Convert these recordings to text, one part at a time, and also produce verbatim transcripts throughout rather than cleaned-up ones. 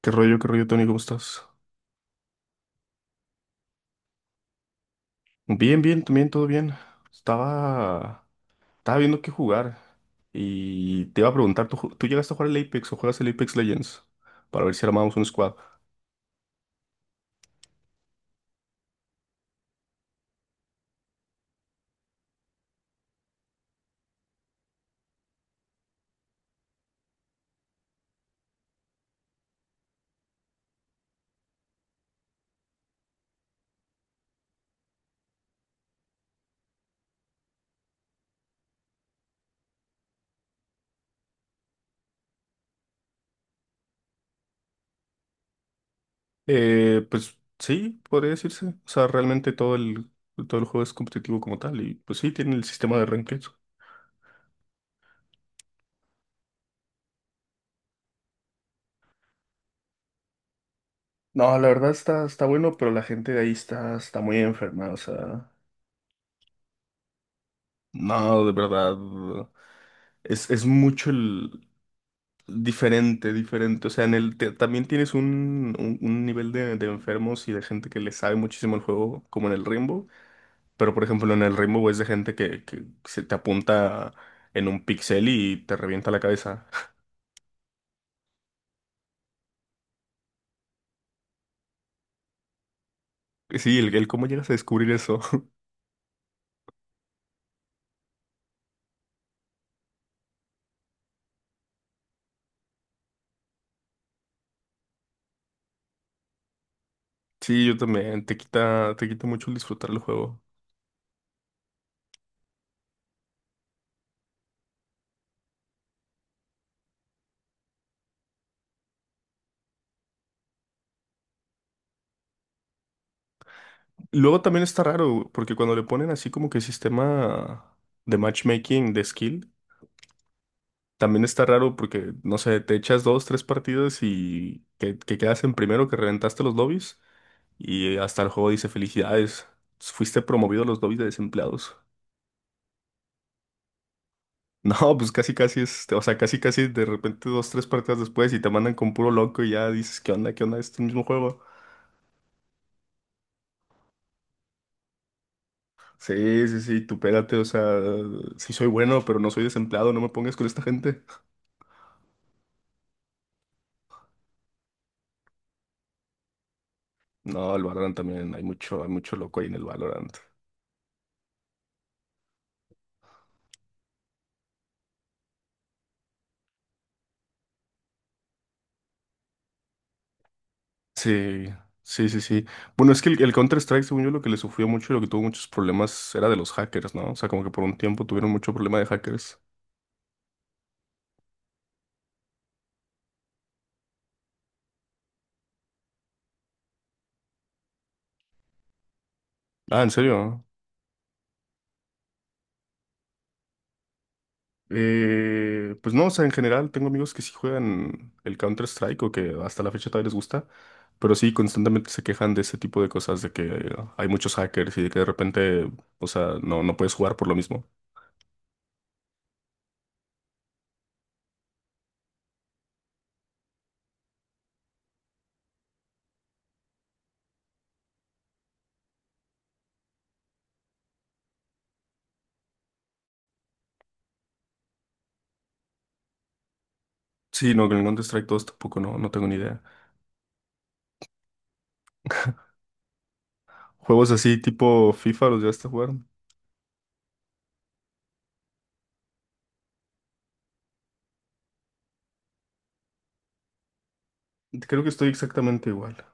¿Qué rollo, qué rollo, Tony? ¿Cómo estás? Bien, bien, también todo bien. Estaba, estaba viendo qué jugar y te iba a preguntar, ¿tú, ju- tú llegaste a jugar el Apex o juegas el Apex Legends? Para ver si armamos un squad. Eh, pues sí, podría decirse. O sea, realmente todo el, todo el juego es competitivo como tal y pues sí, tiene el sistema de ranked. No, la verdad está, está bueno, pero la gente de ahí está, está muy enferma, o sea. No, de verdad. Es, es mucho el. Diferente, diferente. O sea, en el te- también tienes un, un, un nivel de, de enfermos y de gente que le sabe muchísimo el juego, como en el Rainbow. Pero, por ejemplo, en el Rainbow es de gente que, que se te apunta en un pixel y te revienta la cabeza. Sí, el, el cómo llegas a descubrir eso. Sí, yo también. Te quita, te quita mucho el disfrutar el juego. Luego también está raro, porque cuando le ponen así como que sistema de matchmaking de skill. También está raro porque, no sé, te echas dos, tres partidas y que, que quedas en primero, que reventaste los lobbies y hasta el juego dice felicidades, fuiste promovido a los lobbies de desempleados. No, pues casi casi es, o sea, casi casi de repente dos, tres partidas después y te mandan con puro loco y ya dices, ¿qué onda? ¿Qué onda? Es el mismo juego. Sí, sí, sí, tú pégate, o sea, sí soy bueno, pero no soy desempleado, no me pongas con esta gente. No, el Valorant también, hay mucho, hay mucho loco ahí en el Valorant. Sí, sí, sí, sí. Bueno, es que el, el Counter-Strike, según yo, lo que le sufrió mucho y lo que tuvo muchos problemas era de los hackers, ¿no? O sea, como que por un tiempo tuvieron mucho problema de hackers. Ah, ¿en serio? Eh, pues no, o sea, en general tengo amigos que sí juegan el Counter-Strike o que hasta la fecha todavía les gusta, pero sí constantemente se quejan de ese tipo de cosas, de que eh, hay muchos hackers y de que de repente, o sea, no, no puedes jugar por lo mismo. Sí, no, con el Counter-Strike dos tampoco, no, no tengo ni idea. Juegos así tipo FIFA, ¿los ya a jugar? Creo que estoy exactamente igual.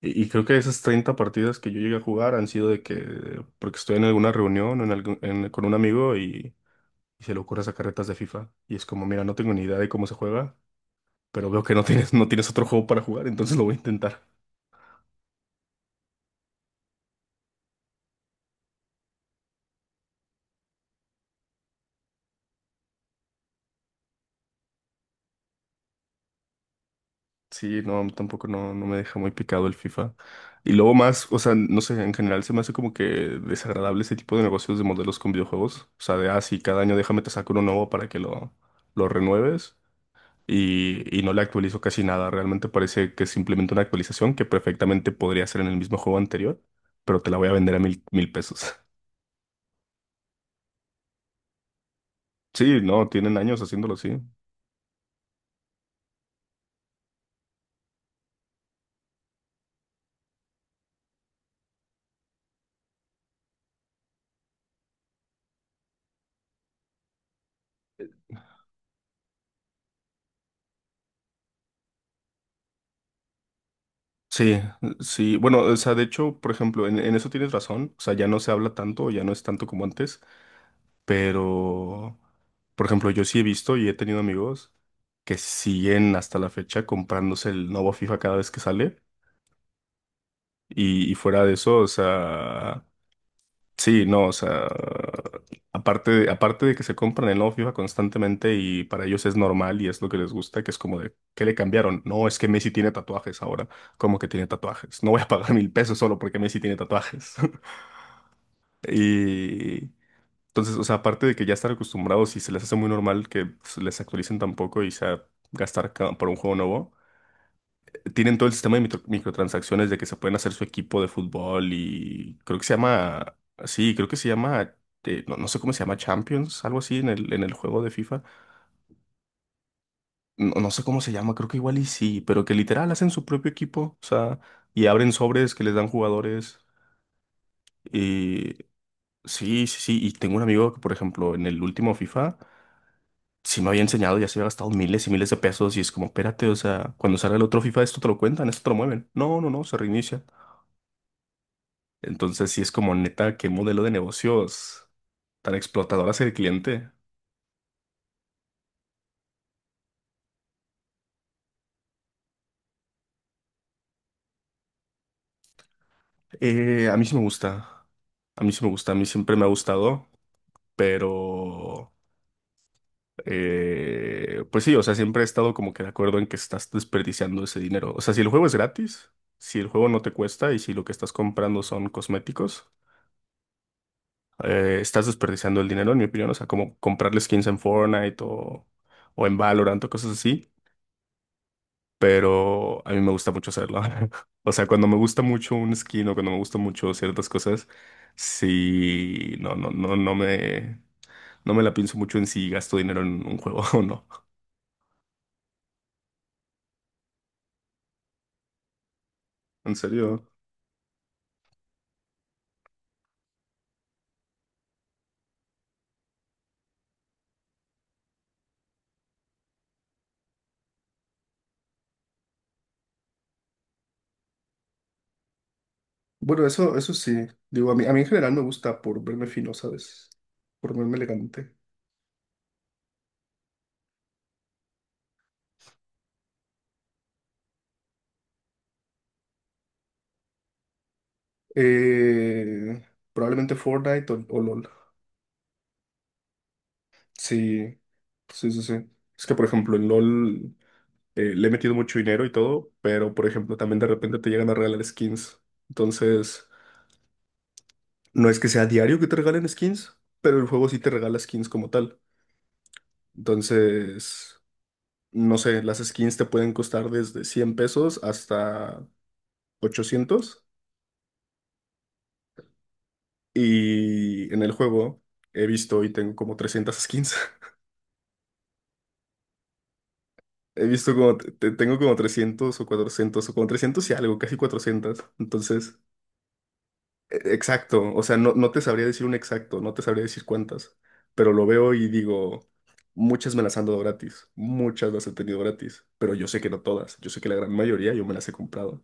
Y, y creo que esas treinta partidas que yo llegué a jugar han sido de que, porque estoy en alguna reunión o en algún- en- con un amigo y, y se le ocurre sacar retas de FIFA. Y es como, mira, no tengo ni idea de cómo se juega, pero veo que no tienes, no tienes otro juego para jugar, entonces lo voy a intentar. Sí, no, tampoco no, no me deja muy picado el FIFA. Y luego más, o sea, no sé, en general se me hace como que desagradable ese tipo de negocios de modelos con videojuegos. O sea, de, ah, sí, cada año déjame te saco uno nuevo para que lo, lo renueves. Y, y no le actualizo casi nada. Realmente parece que es simplemente una actualización que perfectamente podría ser en el mismo juego anterior, pero te la voy a vender a mil, mil pesos. Sí, no, tienen años haciéndolo así. Sí, sí. Bueno, o sea, de hecho, por ejemplo, en, en eso tienes razón. O sea, ya no se habla tanto, ya no es tanto como antes, pero, por ejemplo, yo sí he visto y he tenido amigos que siguen hasta la fecha comprándose el nuevo FIFA cada vez que sale. Y, y fuera de eso, o sea, sí, no, o sea, aparte de, aparte de que se compran el nuevo FIFA constantemente y para ellos es normal y es lo que les gusta, que es como de, ¿qué le cambiaron? No, es que Messi tiene tatuajes ahora. ¿Cómo que tiene tatuajes? No voy a pagar mil pesos solo porque Messi tiene tatuajes. Y entonces, o sea, aparte de que ya estar acostumbrados y se les hace muy normal que pues, les actualicen tampoco y sea gastar ca- por un juego nuevo, tienen todo el sistema de mitro- microtransacciones de que se pueden hacer su equipo de fútbol y creo que se llama, sí, creo que se llama, eh, no, no sé cómo se llama, Champions, algo así en el, en el juego de FIFA. No, no sé cómo se llama, creo que igual y sí, pero que literal hacen su propio equipo, o sea, y abren sobres que les dan jugadores. Y sí, sí, sí, y tengo un amigo que, por ejemplo, en el último FIFA, sí me había enseñado, ya se había gastado miles y miles de pesos y es como, espérate, o sea, cuando salga el otro FIFA, esto te lo cuentan, esto te lo mueven. No, no, no, se reinicia. Entonces, sí es como neta, qué modelo de negocios tan explotador hacia el cliente. Eh, a mí sí me gusta. A mí sí me gusta. A mí siempre me ha gustado, pero eh, pues sí, o sea, siempre he estado como que de acuerdo en que estás desperdiciando ese dinero. O sea, si el juego es gratis, si el juego no te cuesta y si lo que estás comprando son cosméticos, eh, estás desperdiciando el dinero, en mi opinión. O sea, como comprarle skins en Fortnite o, o en Valorant o cosas así. Pero a mí me gusta mucho hacerlo. O sea, cuando me gusta mucho un skin o cuando me gusta mucho ciertas cosas, sí, no, no, no, no me, no me la pienso mucho en si gasto dinero en un juego o no. En serio. Bueno, eso, eso sí. Digo, a mí, a mí en general me gusta por verme fino, ¿sabes? Por verme elegante. Eh, Probablemente Fortnite o, o LOL. Sí, sí, sí, sí. Es que, por ejemplo, en LOL. Eh, le he metido mucho dinero y todo, pero por ejemplo, también de repente te llegan a regalar skins. Entonces, no es que sea diario que te regalen skins, pero el juego sí te regala skins como tal. Entonces, no sé, las skins te pueden costar desde cien pesos hasta ochocientos. Y en el juego he visto y tengo como trescientas skins. He visto como, te- tengo como trescientos o cuatrocientos o como trescientos y algo, casi cuatrocientas. Entonces… E- Exacto, o sea, no, no te sabría decir un exacto, no te sabría decir cuántas, pero lo veo y digo, muchas me las han dado gratis, muchas las he tenido gratis, pero yo sé que no todas, yo sé que la gran mayoría yo me las he comprado.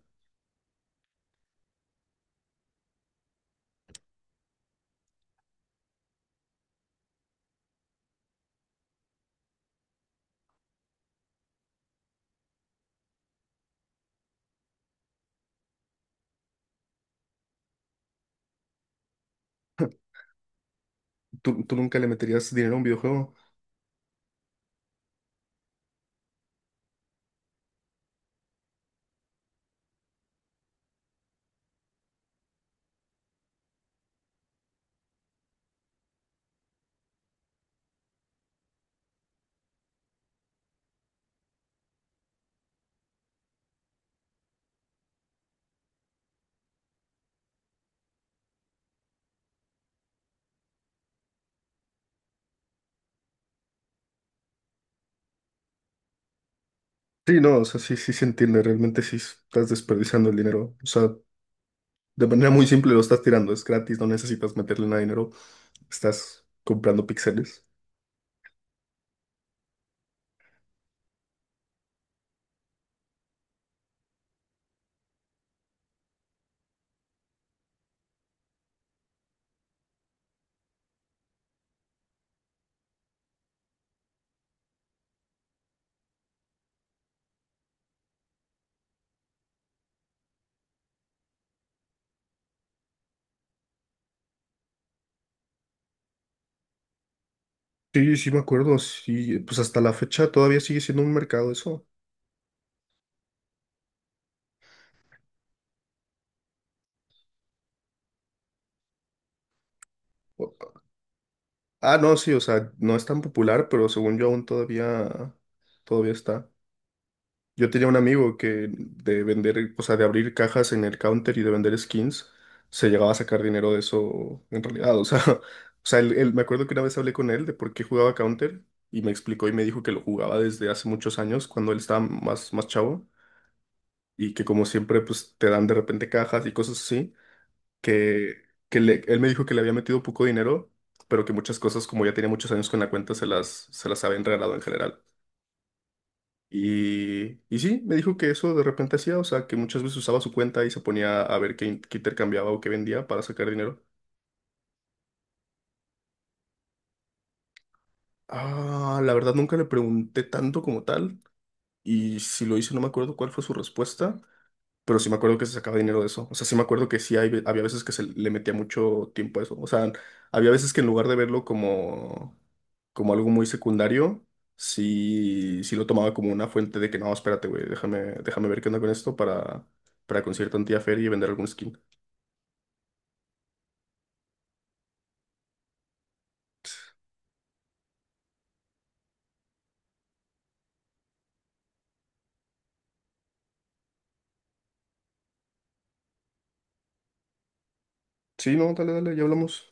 ¿Tú, tú nunca le meterías dinero a un videojuego? Sí, no, o sea, sí, sí se entiende, realmente sí estás desperdiciando el dinero, o sea, de manera muy simple lo estás tirando, es gratis, no necesitas meterle nada de dinero, estás comprando píxeles. Sí, sí me acuerdo, sí, pues hasta la fecha todavía sigue siendo un mercado eso. Ah, no, sí, o sea, no es tan popular, pero según yo aún todavía, todavía está. Yo tenía un amigo que de vender, o sea, de abrir cajas en el counter y de vender skins, se llegaba a sacar dinero de eso en realidad. O sea, o sea, él- él- me acuerdo que una vez hablé con él de por qué jugaba counter y me explicó y me dijo que lo jugaba desde hace muchos años, cuando él estaba más, más chavo, y que como siempre, pues te dan de repente cajas y cosas así que, que le- él me dijo que le había metido poco dinero, pero que muchas cosas, como ya tenía muchos años con la cuenta, se las, se las había regalado en general. Y, y sí, me dijo que eso de repente hacía, o sea, que muchas veces usaba su cuenta y se ponía a ver qué, in- qué intercambiaba o qué vendía para sacar dinero. Ah, la verdad nunca le pregunté tanto como tal, y si lo hice no me acuerdo cuál fue su respuesta, pero sí me acuerdo que se sacaba dinero de eso. O sea, sí me acuerdo que sí hay ve- había veces que se le metía mucho tiempo a eso. O sea, había veces que en lugar de verlo como, como algo muy secundario, sí, sí lo tomaba como una fuente de que no, espérate, güey, déjame, déjame ver qué onda con esto para, para conseguir tantía feria y vender algún skin. Sí, no, dale, dale, ya hablamos.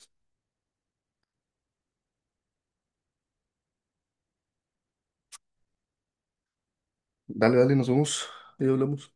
Dale, dale, nos vemos. Ya hablamos.